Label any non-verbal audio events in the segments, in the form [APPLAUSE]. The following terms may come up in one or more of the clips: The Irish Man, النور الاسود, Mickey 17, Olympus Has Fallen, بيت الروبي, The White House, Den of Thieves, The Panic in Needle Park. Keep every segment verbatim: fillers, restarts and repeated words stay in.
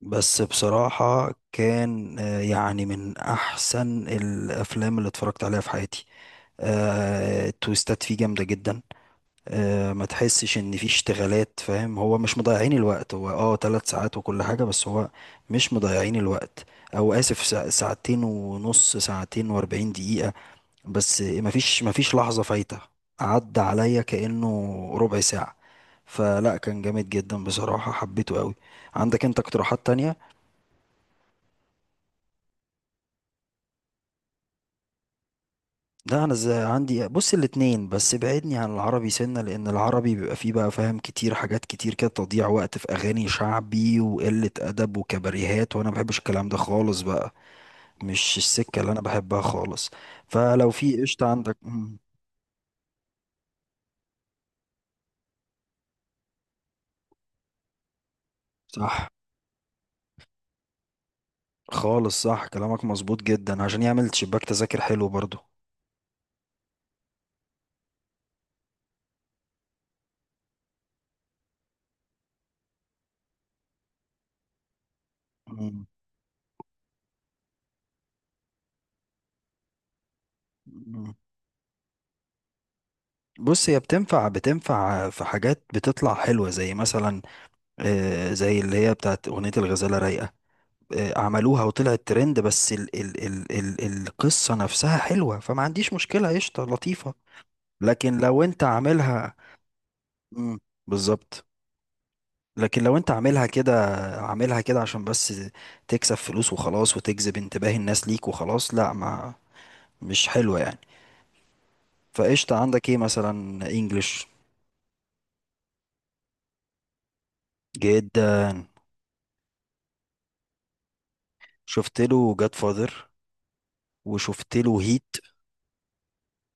بس بصراحة كان آه، يعني من أحسن الأفلام اللي اتفرجت عليها في حياتي. آه، التويستات فيه جامدة جدا. آه، ما تحسش إن فيه اشتغالات، فاهم؟ هو مش مضيعين الوقت، هو اه تلات ساعات وكل حاجة، بس هو مش مضيعين الوقت. أو آسف، سا- ساعتين ونص، ساعتين وأربعين دقيقة. بس مفيش مفيش لحظة فايتة، عدى عليا كأنه ربع ساعة. فلا كان جامد جدا بصراحة، حبيته قوي. عندك انت اقتراحات تانية؟ لا انا ازاي، عندي بص الاتنين، بس بعدني عن العربي سنة، لان العربي بيبقى فيه بقى، فاهم، كتير حاجات كتير كده تضييع وقت في اغاني شعبي وقلة ادب وكباريهات، وانا ما بحبش الكلام ده خالص بقى، مش السكة اللي انا بحبها خالص. فلو في قشطة عندك. مم، صح، خالص صح، كلامك مظبوط جدا، عشان يعمل شباك تذاكر حلو برضو. مم، مم. بص، هي بتنفع، بتنفع في حاجات بتطلع حلوة، زي مثلا آه، زي اللي هي بتاعت أغنية الغزالة رايقة. آه، عملوها وطلعت ترند، بس ال ال ال ال القصة نفسها حلوة، فما عنديش مشكلة، قشطة لطيفة. لكن لو انت عاملها. مم، بالظبط. لكن لو انت عاملها كده، عاملها كده عشان بس تكسب فلوس وخلاص، وتجذب انتباه الناس ليك وخلاص، لا، ما مش حلوة يعني. فقشطة، عندك ايه مثلا؟ انجلش. جدا. شفت له جاد فاذر، وشفت له هيت.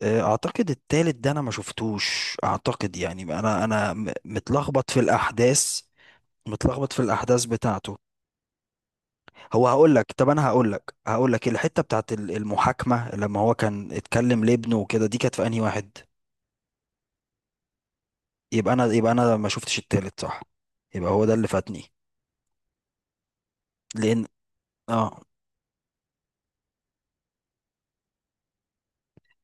آه، اعتقد التالت ده انا ما شفتوش، اعتقد يعني، انا انا م- متلخبط في الاحداث، متلخبط في الاحداث بتاعته. هو هقول لك، طب انا هقول لك، هقول لك الحته بتاعت ال- المحاكمه، لما هو كان اتكلم لابنه وكده، دي كانت في انهي واحد؟ يبقى انا يبقى انا ما شفتش التالت، صح؟ يبقى هو ده اللي فاتني. لان اه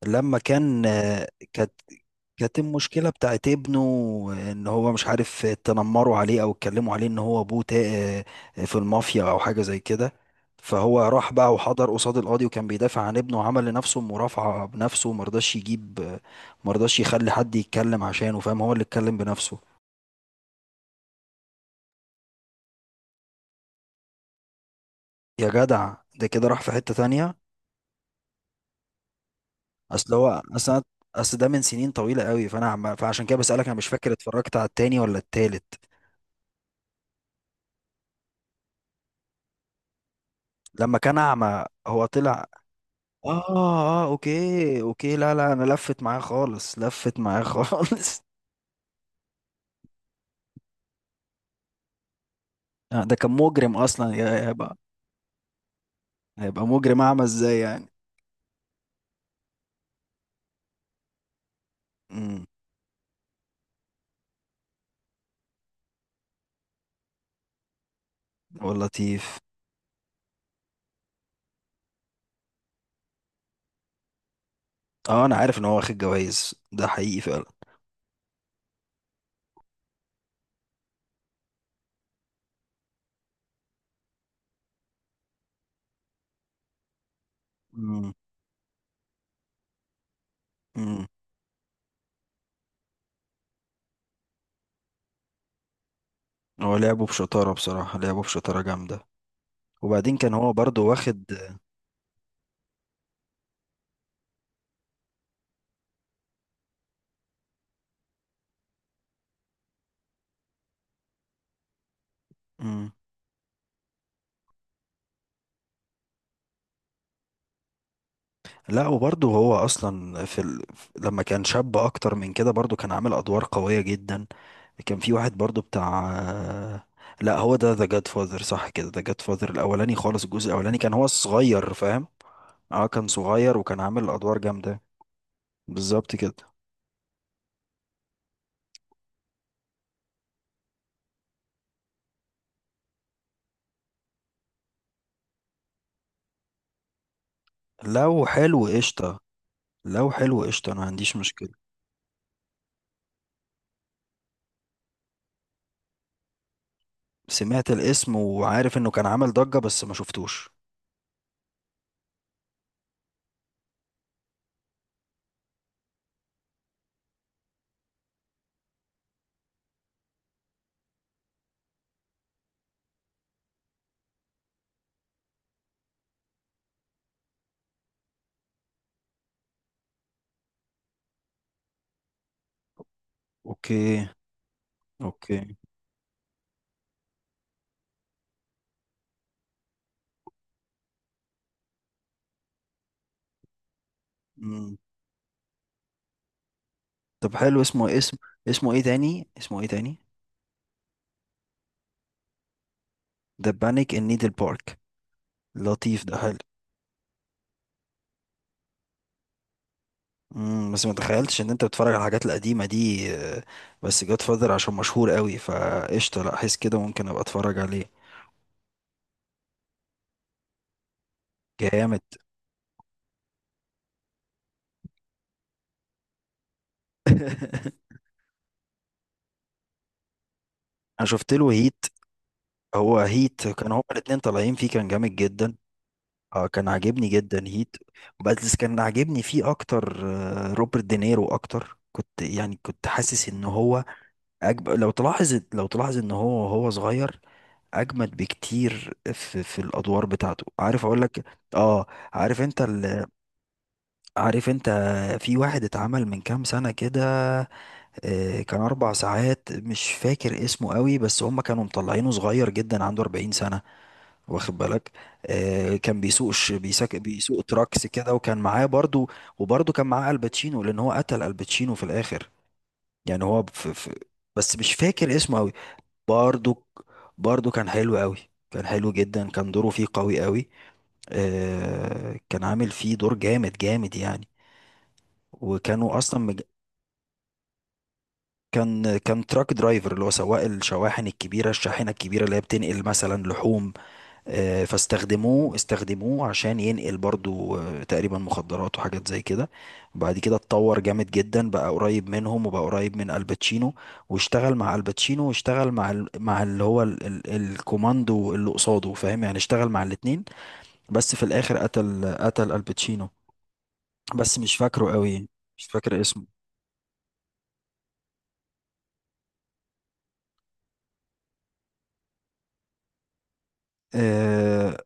لما كان آه، كانت، كانت المشكلة بتاعت ابنه، ان هو مش عارف، تنمروا عليه او اتكلموا عليه ان هو ابوه تا- في المافيا او حاجة زي كده. فهو راح بقى وحضر قصاد القاضي، وكان بيدافع عن ابنه وعمل لنفسه مرافعة بنفسه، ومرضاش يجيب، مرضاش يخلي حد يتكلم عشانه، فاهم؟ هو اللي اتكلم بنفسه. يا جدع ده كده راح في حتة تانية. اصل هو اصل أنا- اصل ده من سنين طويلة قوي، فانا عم- فعشان كده بسألك، انا مش فاكر اتفرجت على التاني ولا التالت. لما كان اعمى هو طلع. اه اه، اوكي اوكي، لا لا انا لفت معاه خالص، لفت معاه [LAUGHS] خالص. آه، ده كان مجرم اصلا، يا- هيبقى، هيبقى مجرم اعمى ازاي يعني. امم هو لطيف. اه انا عارف ان هو واخد جوائز، ده حقيقي فعلا. امم امم هو لعبه بشطارة بصراحة، لعبه بشطارة جامدة. وبعدين كان هو برضو واخد. مم. لا، وبرضه هو اصلا في ال... لما كان شاب اكتر من كده، برضه كان عامل ادوار قوية جدا. كان في واحد برضه بتاع، لا هو ده ذا جاد فاذر، صح كده، ذا جاد فاذر الاولاني خالص، الجزء الاولاني كان هو الصغير، فاهم؟ اه كان صغير، وكان عامل ادوار جامدة. بالظبط كده. لو حلو قشطة، لو حلو قشطة انا ما عنديش مشكلة. سمعت الاسم وعارف انه كان عامل ضجة بس ما شفتوش. اوكي اوكي. مم. طب حلو، اسمه اسم، اسمه ايه تاني، اسمه ايه تاني؟ The Panic in Needle Park. لطيف ده، حلو. امم بس ما تخيلتش ان انت بتتفرج على الحاجات القديمه دي. آه، بس جاد فاذر عشان مشهور قوي، فقشطه، لا حس كده ممكن ابقى اتفرج عليه. جامد. [LAUGHS] انا شفت له هيت. هو هيت كان هما الاتنين طالعين فيه، كان جامد جدا. اه كان عاجبني جدا هيت. بس كان عاجبني فيه اكتر آه، روبرت دينيرو اكتر، كنت يعني كنت حاسس ان هو أجب... لو تلاحظ، لو تلاحظ ان هو، هو صغير اجمد بكتير في في الادوار بتاعته، عارف اقول لك؟ اه. عارف انت ال... عارف انت، في واحد اتعمل من كام سنه كده، آه، كان اربع ساعات، مش فاكر اسمه قوي، بس هم كانوا مطلعينه صغير جدا، عنده أربعين سنه، واخد بالك؟ آه، كان بيسوق ش- بيسك... بيسوق تراكس كده، وكان معاه برضو، وبرضو كان معاه الباتشينو، لان هو قتل الباتشينو في الاخر. يعني هو في... في... بس مش فاكر اسمه قوي. برضو، برضو كان حلو قوي. كان حلو جدا، كان دوره فيه قوي قوي. آه كان عامل فيه دور جامد جامد يعني. وكانوا اصلا مج... كان، كان تراك درايفر، اللي هو سواق الشواحن الكبيره، الشاحنه الكبيره اللي هي بتنقل مثلا لحوم. آه، فاستخدموه، استخدموه عشان ينقل برضو آه، تقريبا مخدرات وحاجات زي كده. وبعد كده اتطور جامد جدا، بقى قريب منهم وبقى قريب من الباتشينو، واشتغل مع الباتشينو واشتغل مع ال... مع اللي هو ال... ال... الكوماندو اللي قصاده، فاهم؟ يعني اشتغل مع الاتنين، بس في الاخر قتل، قتل الباتشينو. بس مش فاكره قوي، مش فاكر اسمه. آه،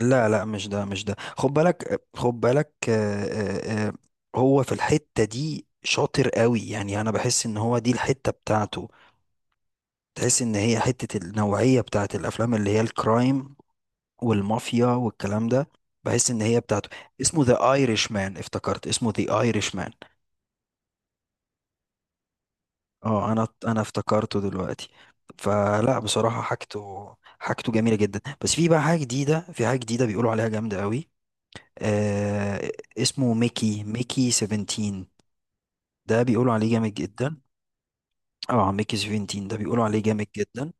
لا لا مش ده، مش ده، خد بالك، خد بالك، آه، آه، آه، هو في الحتة دي شاطر قوي يعني، انا بحس ان هو دي الحتة بتاعته. تحس ان هي حتة، النوعية بتاعت الافلام اللي هي الكرايم والمافيا والكلام ده، بحس ان هي بتاعته. اسمه ذا ايرش مان، افتكرت اسمه ذا ايرش مان. اه انا انا افتكرته دلوقتي. فلا بصراحة حاجته، حاجته جميلة جدا. بس في بقى حاجة جديدة، في حاجة جديدة بيقولوا عليها جامدة قوي آه، اسمه ميكي، ميكي سبعتاشر، ده بيقولوا عليه جامد جدا. اه، ميكي سبعتاشر ده بيقولوا عليه جامد جدا.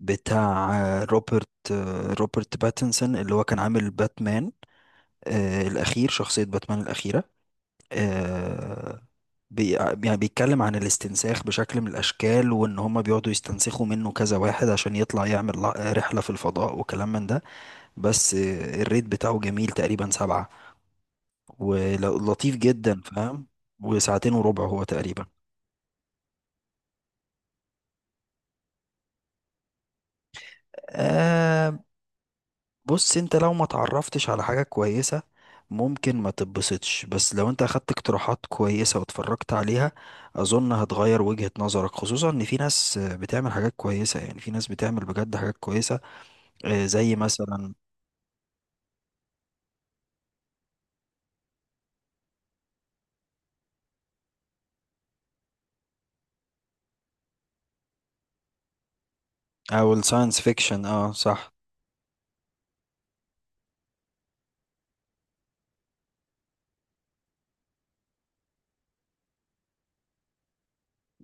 بتاع آه، روبرت، آه، روبرت باتنسون اللي هو كان عامل باتمان. آه الأخير، شخصية باتمان الأخيرة. آه. بي يعني بيتكلم عن الاستنساخ بشكل من الأشكال، وإن هما بيقعدوا يستنسخوا منه كذا واحد عشان يطلع يعمل لا- رحلة في الفضاء وكلام من ده. بس آه، الريت بتاعه جميل تقريبا سبعة، ولطيف جدا، فاهم؟ وساعتين وربع هو تقريبا. آه. بص انت لو ما تعرفتش على حاجة كويسة، ممكن ما تتبسطش. بس لو انت اخدت اقتراحات كويسة واتفرجت عليها، اظن هتغير وجهة نظرك، خصوصا ان في ناس آه، بتعمل حاجات كويسة يعني، في ناس بتعمل بجد حاجات كويسة آه، زي مثلا. او الساينس فيكشن، اه صح.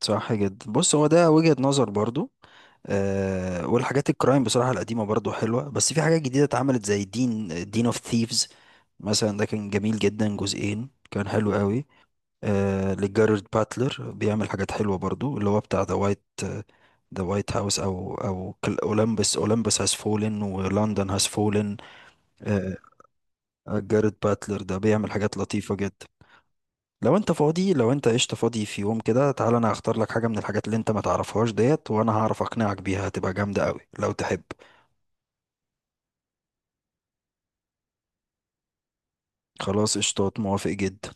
صح جدا، بص هو ده وجهة نظر برضو. آه، والحاجات الكرايم بصراحة القديمة برضو حلوة، بس في حاجات جديدة اتعملت زي دين دين اوف ثيفز مثلا، ده كان جميل جدا، جزئين كان حلو قوي. آه، لجاريد باتلر، بيعمل حاجات حلوة برضو، اللي هو بتاع ذا وايت، ذا وايت هاوس او او اولمبس، اولمبس هاز فولن، ولندن هاز فولن. آه. جاريد باتلر ده بيعمل حاجات لطيفة جدا. لو انت فاضي، لو انت قشطة فاضي في يوم كده تعالى، انا هختار لك حاجة من الحاجات اللي انت ما تعرفهاش ديت، وانا هعرف اقنعك بيها، هتبقى جامدة قوي لو تحب. خلاص قشطات، موافق جدا.